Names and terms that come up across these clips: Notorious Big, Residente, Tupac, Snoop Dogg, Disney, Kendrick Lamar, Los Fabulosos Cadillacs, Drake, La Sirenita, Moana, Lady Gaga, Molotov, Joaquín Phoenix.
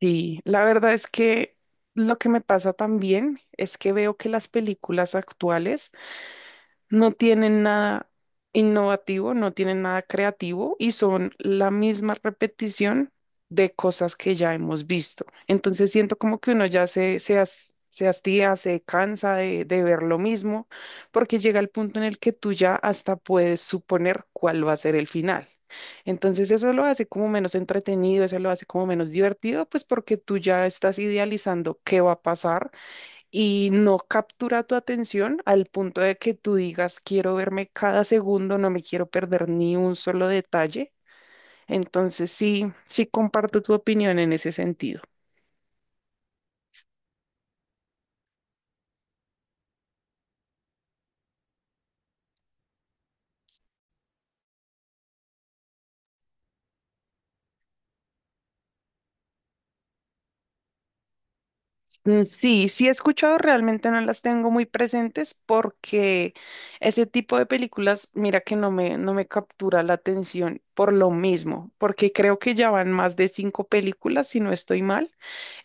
Sí, la verdad es que lo que me pasa también es que veo que las películas actuales no tienen nada innovativo, no tienen nada creativo y son la misma repetición de cosas que ya hemos visto. Entonces siento como que uno ya se hastía, se cansa de ver lo mismo, porque llega el punto en el que tú ya hasta puedes suponer cuál va a ser el final. Entonces eso lo hace como menos entretenido, eso lo hace como menos divertido, pues porque tú ya estás idealizando qué va a pasar y no captura tu atención al punto de que tú digas, quiero verme cada segundo, no me quiero perder ni un solo detalle. Entonces sí, sí comparto tu opinión en ese sentido. Mm, sí, sí he escuchado, realmente no las tengo muy presentes porque ese tipo de películas, mira que no me captura la atención por lo mismo, porque creo que ya van más de cinco películas, si no estoy mal.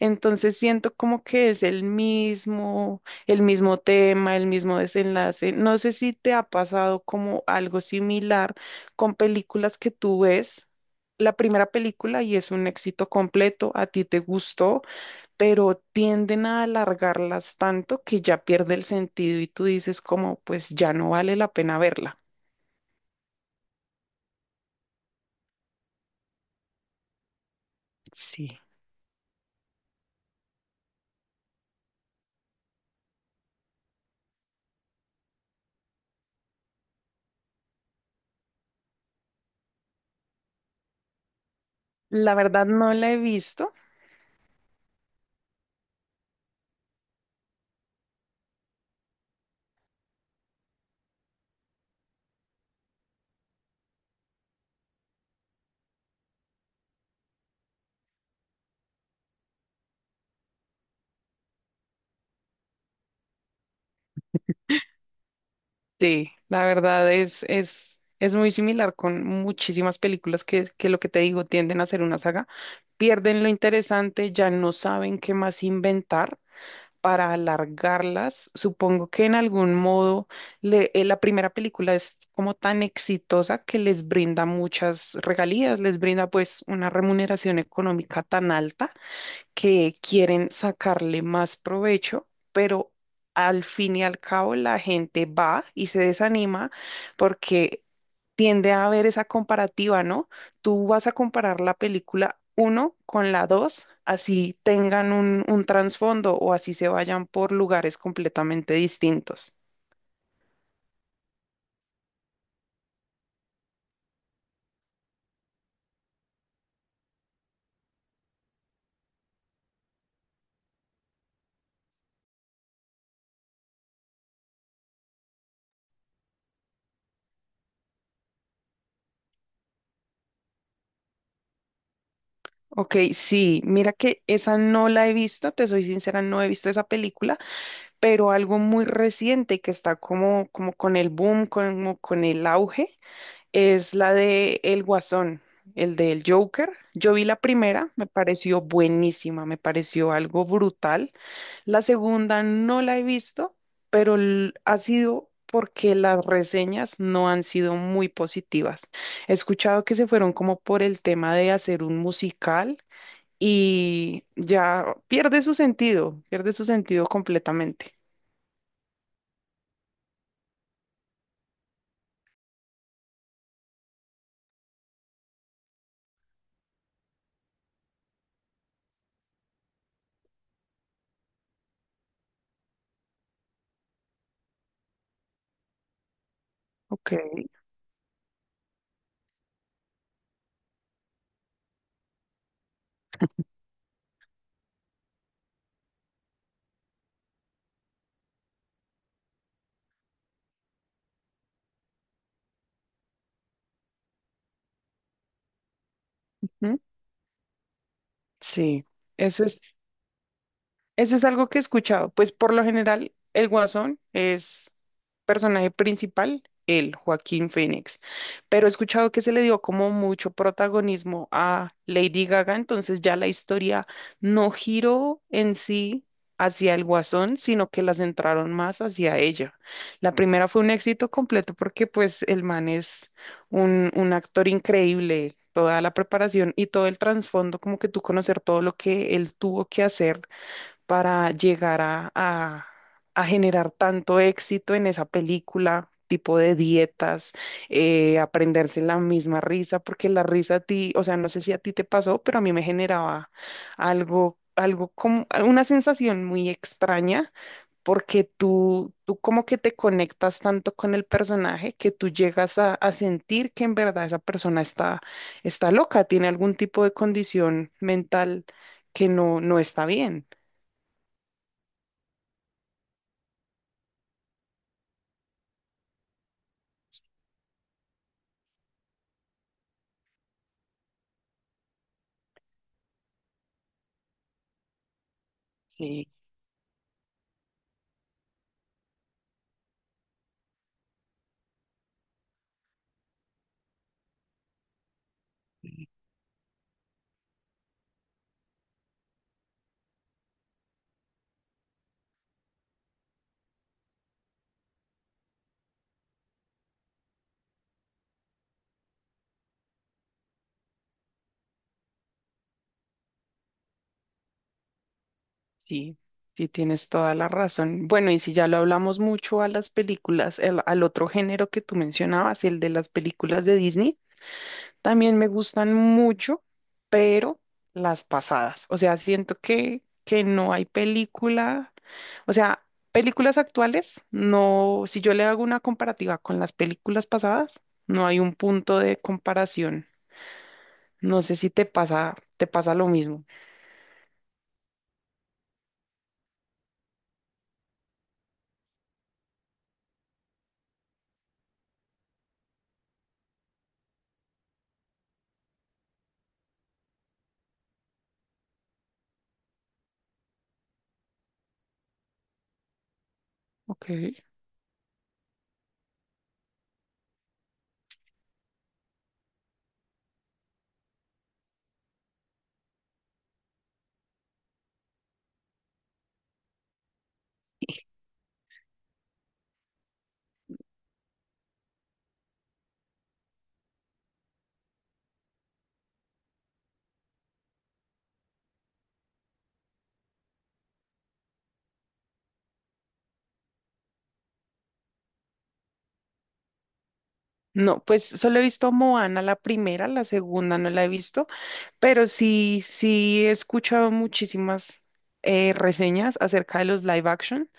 Entonces siento como que es el mismo tema, el mismo desenlace. No sé si te ha pasado como algo similar con películas que tú ves. La primera película y es un éxito completo, a ti te gustó, pero tienden a alargarlas tanto que ya pierde el sentido y tú dices como, pues ya no vale la pena verla. Sí. La verdad no la he visto. Sí, la verdad es muy similar con muchísimas películas que lo que te digo tienden a ser una saga. Pierden lo interesante, ya no saben qué más inventar para alargarlas. Supongo que en algún modo la primera película es como tan exitosa que les brinda muchas regalías, les brinda pues una remuneración económica tan alta que quieren sacarle más provecho, pero al fin y al cabo la gente va y se desanima porque tiende a haber esa comparativa, ¿no? Tú vas a comparar la película uno con la 2, así tengan un trasfondo o así se vayan por lugares completamente distintos. Ok, sí, mira que esa no la he visto, te soy sincera, no he visto esa película, pero algo muy reciente que está como, como con el boom, como con el auge, es la de El Guasón, el del Joker. Yo vi la primera, me pareció buenísima, me pareció algo brutal. La segunda no la he visto, pero ha sido porque las reseñas no han sido muy positivas. He escuchado que se fueron como por el tema de hacer un musical y ya pierde su sentido completamente. Ok. ¿Mm? Sí, eso es. Eso es algo que he escuchado. Pues por lo general, el Guasón es personaje principal, el Joaquín Phoenix. Pero he escuchado que se le dio como mucho protagonismo a Lady Gaga, entonces ya la historia no giró en sí hacia el Guasón, sino que la centraron más hacia ella. La primera fue un éxito completo porque pues el man es un actor increíble. Toda la preparación y todo el trasfondo, como que tú conocer todo lo que él tuvo que hacer para llegar a generar tanto éxito en esa película, tipo de dietas, aprenderse la misma risa, porque la risa a ti, o sea, no sé si a ti te pasó, pero a mí me generaba algo como una sensación muy extraña, porque tú como que te conectas tanto con el personaje que tú llegas a sentir que en verdad esa persona está, está loca, tiene algún tipo de condición mental que no está bien. Sí, sí, tienes toda la razón. Bueno, y si ya lo hablamos mucho a las películas, al otro género que tú mencionabas, el de las películas de Disney, también me gustan mucho, pero las pasadas. O sea, siento que no hay película, o sea, películas actuales, no, si yo le hago una comparativa con las películas pasadas, no hay un punto de comparación. No sé si te pasa, te pasa lo mismo. Ok. No, pues solo he visto Moana la primera, la segunda no la he visto, pero sí, sí he escuchado muchísimas reseñas acerca de los live action.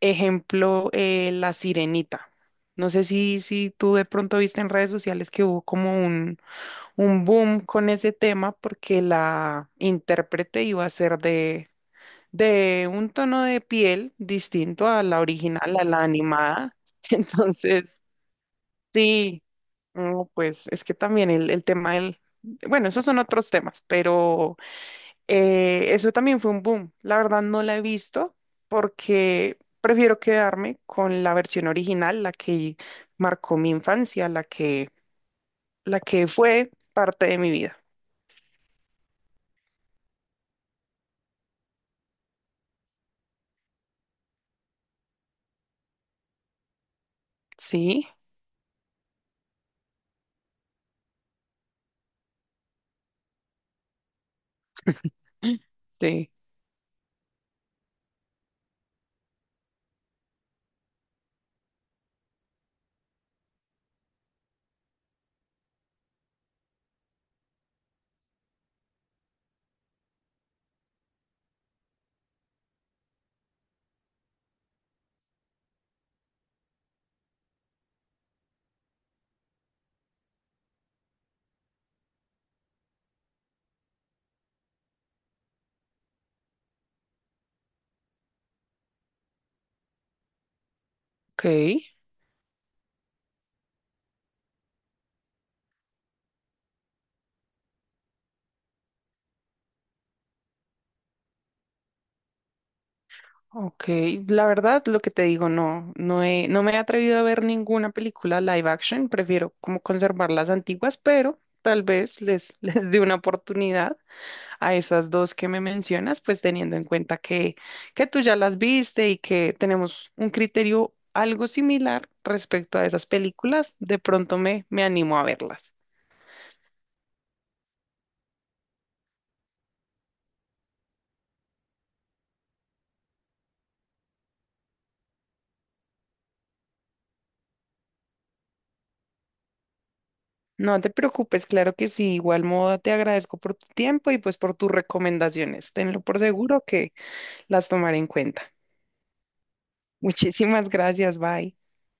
Ejemplo, La Sirenita. No sé si tú de pronto viste en redes sociales que hubo como un boom con ese tema porque la intérprete iba a ser de un tono de piel distinto a la original, a la animada. Entonces, sí. No, pues es que también el tema del... Bueno, esos son otros temas, pero eso también fue un boom. La verdad no la he visto porque prefiero quedarme con la versión original, la que marcó mi infancia, la que fue parte de mi vida. Sí, sí, ok. Ok, la verdad, lo que te digo, no, no me he atrevido a ver ninguna película live action, prefiero como conservar las antiguas, pero tal vez les dé una oportunidad a esas dos que me mencionas, pues teniendo en cuenta que tú ya las viste y que tenemos un criterio algo similar respecto a esas películas, de pronto me animo a verlas. No te preocupes, claro que sí, igual modo te agradezco por tu tiempo y pues por tus recomendaciones. Tenlo por seguro que las tomaré en cuenta. Muchísimas gracias, bye.